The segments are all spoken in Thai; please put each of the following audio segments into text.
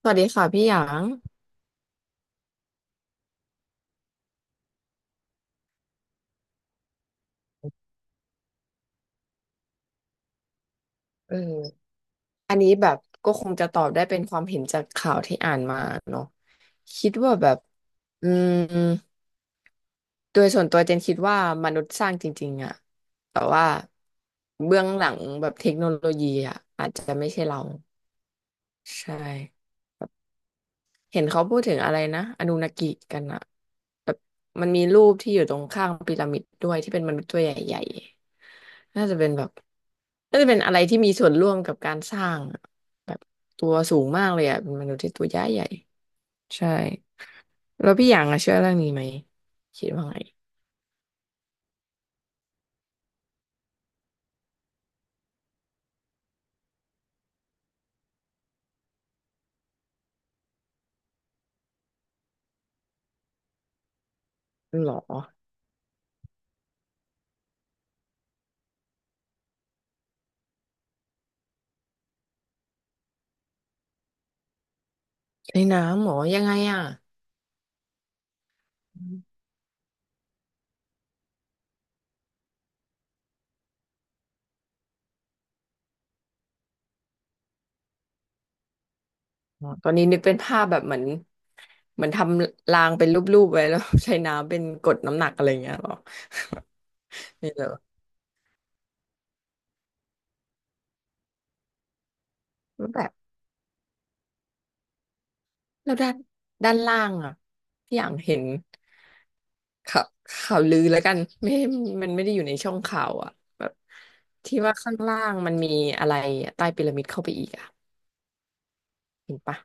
สวัสดีค่ะพี่หยางเอออันนี้แบบก็คงจะตอบได้เป็นความเห็นจากข่าวที่อ่านมาเนาะคิดว่าแบบอืมโดยส่วนตัวเจนคิดว่ามนุษย์สร้างจริงๆอะแต่ว่าเบื้องหลังแบบเทคโนโลยีอะอาจจะไม่ใช่เราใช่ เห็นเขาพูดถึงอะไรนะอนูนากิกันอะแบบมันมีรูปที่อยู่ตรงข้างพีระมิดด้วยที่เป็นมนุษย์ตัวใหญ่ๆน่าจะเป็นแบบน่าจะเป็นอะไรที่มีส่วนร่วมกับการสร้างอะแบบตัวสูงมากเลยอะเป็นมนุษย์ที่ตัวใหญ่ใหญ่ใช่แล้วพี่อยางอะเชื่อเรื่องนี้ไหมคิดว่าไงหรอในน้ำหรอยังไงอะอมอ๋อตอนนี้นึกเป็นภาพแบบเหมือนเหมือนทำรางเป็นรูปๆไว้แล้ว ใช้น้ำเป็นกดน้ำหนักอะไรอย่างเงี้ยหรอ นี่เหรอแปล แล้วด้านล่างอ่ะพี่อย่างเห็นข่าวข่าวลือแล้วกันไม่มันไม่ได้อยู่ในช่องข่าวอ่ะแบบที่ว่าข้างล่างมันมีอะไรอะใต้พีระมิดเข้าไปอีกอ่ะเห็นปะ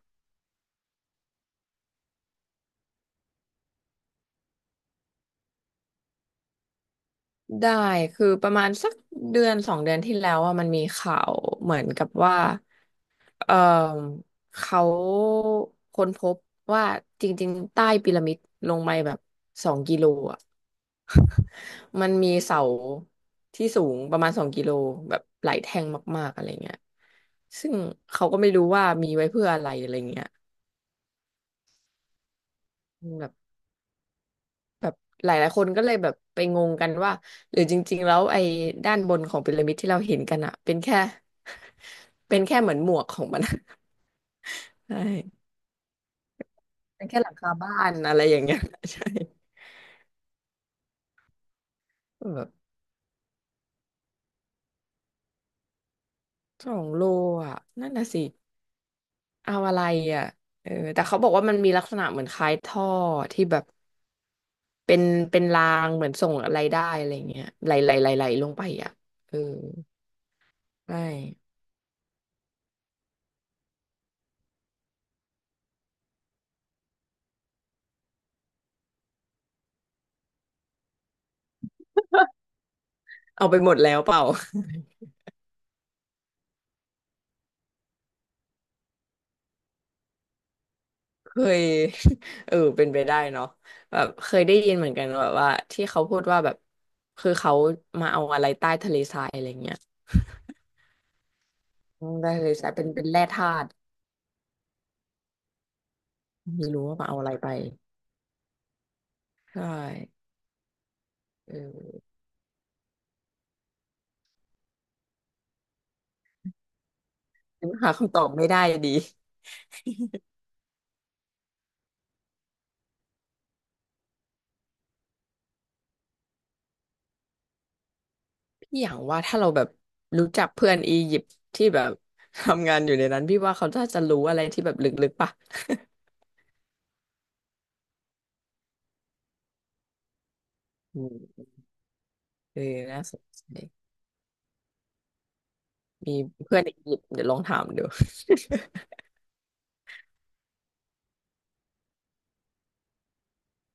ได้คือประมาณสักเดือนสองเดือนที่แล้วอ่ะมันมีข่าวเหมือนกับว่าเออเขาค้นพบว่าจริงๆใต้พีระมิดลงไปแบบสองกิโลอ่ะ มันมีเสาที่สูงประมาณ2 กิโลแบบหลายแท่งมากๆอะไรเงี้ยซึ่งเขาก็ไม่รู้ว่ามีไว้เพื่ออะไรอะไรเงี้ยแบบแบบหลายหลายคนก็เลยแบบไปงงกันว่าหรือจริงๆแล้วไอ้ด้านบนของพีระมิดที่เราเห็นกันอะเป็นแค่ เป็นแค่เหมือนหมวกของมัน ใช่เป็นแค่หลังคาบ้านอะไรอย่างเงี้ย ใช่แบบ2 โลอ่ะนั่นน่ะสิเอาอะไรอ่ะเออแต่เขาบอกว่ามันมีลักษณะเหมือนคล้ายท่อที่แบบ เป็นเป็นรางเหมือนส่งอะไรได้อะไรเงี้ยไหลไหลไหลไหลลงไปอ่ะเออใช่เอาไปหมดแล้วเปล่า เคย เออเป็นไปได้เนาะแบบเคยได้ยินเหมือนกันแบบว่าที่เขาพูดว่าแบบคือเขามาเอาอะไรใต้ทะเลทรายอะไรเงี้ยอืมใต้ทะเลทรายเป็นเป็นแร่ธาตุไม่รู้ว่ามาเอาอะไรไปใช่เออยังหาคำตอบไม่ได้ดี อย่างว่าถ้าเราแบบรู้จักเพื่อนอียิปต์ที่แบบ ทำงานอยู่ในนั้นพี่ว่าเขาน่าจะรู้อะไรที่แบบลึกๆป่ะอืม เออน่าสนใจมีเพื่อนอียิปต์เดี๋ยวลองถามดู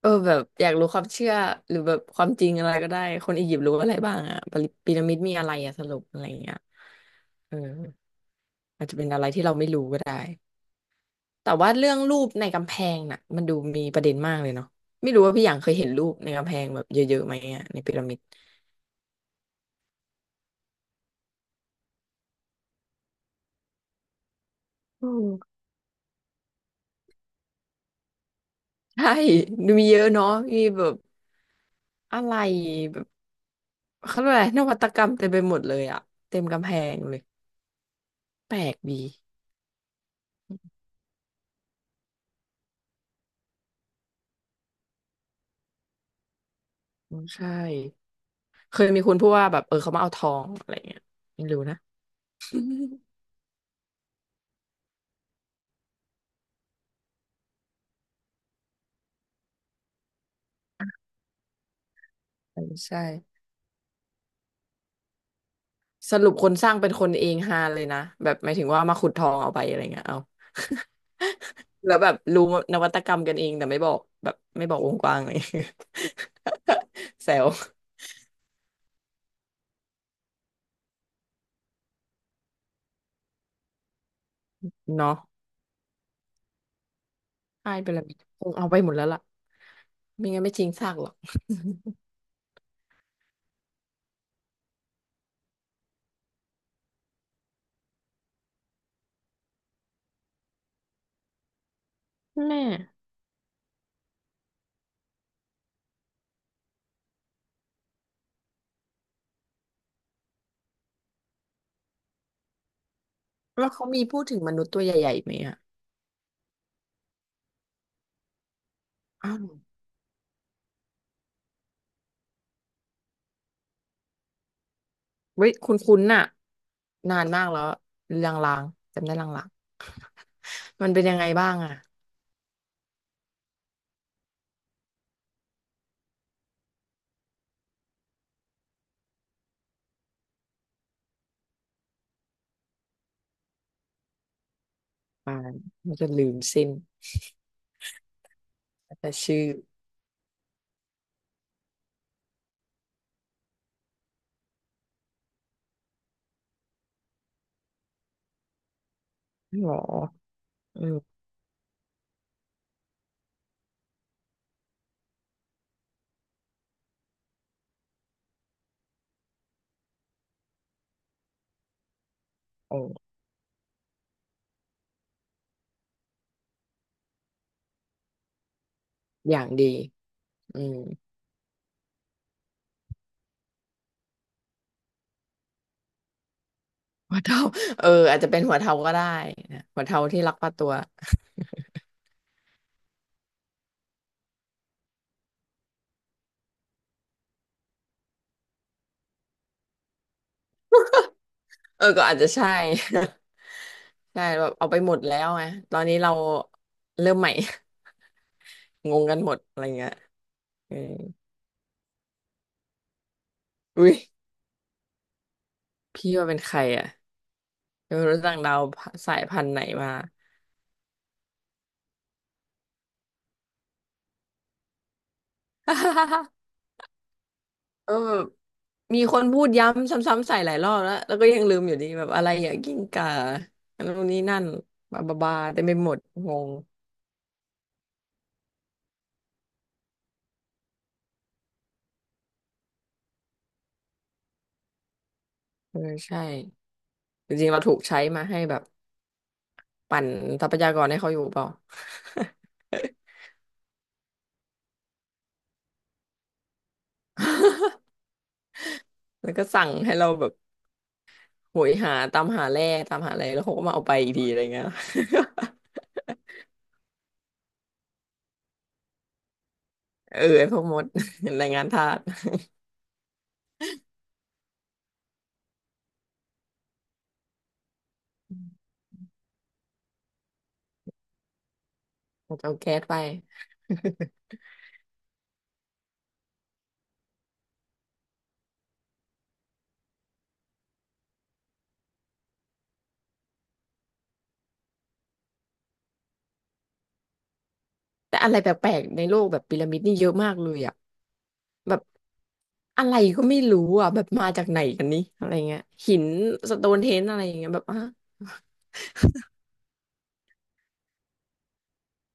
เออแบบอยากรู้ความเชื่อหรือแบบความจริงอะไรก็ได้คนอียิปต์รู้อะไรบ้างอะพีระมิดมีอะไรอะสรุปอะไรอย่างเงี้ยเอออาจจะเป็นอะไรที่เราไม่รู้ก็ได้แต่ว่าเรื่องรูปในกำแพงน่ะมันดูมีประเด็นมากเลยเนาะไม่รู้ว่าพี่หยางเคยเห็นรูปในกำแพงแบบเยอะๆไหมอะในพีระมิดอืม ใช่ดูมีเยอะเนาะมีแบบอะไรแบบเขาเรียกอะไรนวัตกรรมเต็มไปหมดเลยอะเต็มกำแพงเลยแปลกดีอืมใช่เคยมีคนพูดว่าแบบเออเขามาเอาทองอะไรเงี้ยไม่รู้นะ เออใช่ สรุปคนสร้างเป็นคนเองฮาเลยนะแบบหมายถึงว่ามาขุดทองเอาไปอะไรเงี้ยเอาแล้วแบบรู้นวัตกรรมกันเองแต่ไม่บอกแบบไม่บอกวงกว้างเลย แซวเนาะใช่เป็นระเบียบคงเอาไปหมดแล้วล่ะไม่งั้นไม่จริงซากหรอก แม่ แล้วเขามีพูดถึงมนุษย์ตัวใหญ่ๆไหมอ่ะอ้าวเว้ยคุณนๆน่ะนานมากแล้วลางๆจำได้ลางๆมันเป็นยังไงบ้างอ่ะอ่ามันจะลืมสิ้นแต่ชื่อหรออืมโอ้อย่างดี อืมหัวเทาเอออาจจะเป็นหัวเทาก็ได้นะหัวเทาที่รักป้าตัวเออก็อาจจะใช่ ใช่แบบเอาไปหมดแล้วไงตอนนี้เราเริ่มใหม่ งงกันหมดอะไรเงี้ยเอออุ้ยพี่ว่าเป็นใครอ่ะ เธอรู้จักดาวสายพันธุ์ไหนมา เออแบบมีคนพูดย้ำซ้ำๆใส่หลายรอบแล้วแล้วก็ยังลืมอยู่ดีแบบอะไรอย่างกิ้งก่าอันนู้นนี้นั่นบาบาบาเต็มไปหมดงงเออใช่จริงๆเราถูกใช้มาให้แบบปั่นทรัพยากรให้เขาอยู่เปล่า แล้วก็สั่งให้เราแบบโหยหาตามหาแร่ตามหาอะไรแล้วเขาก็มาเอาไปอีกทีอะไรเงี้ย เออไอ้พวกมด แรงงานทาส เอาแก๊สไป แต่อะไรแปลกๆในโลกแบบพีระมิดนี่เยอะมากเลยอ่ะแบบอะไรก็ไม่รู้อ่ะแบบมาจากไหนกันนี่อะไรเงี้ยหินสโตนเทนอะไรอย่างเงี้ยแบบอ่ะ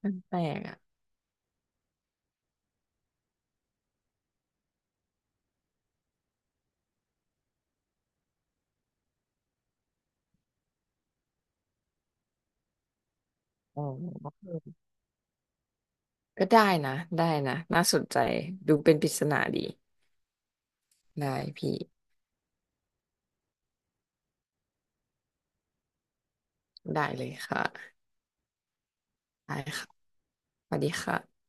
มันแปลกอ่ะอ๋อก็ได้นะได้นะน่าสนใจดูเป็นปริศนาดีได้พี่ได้เลยค่ะได้ค่ะสวัสดีค่ะ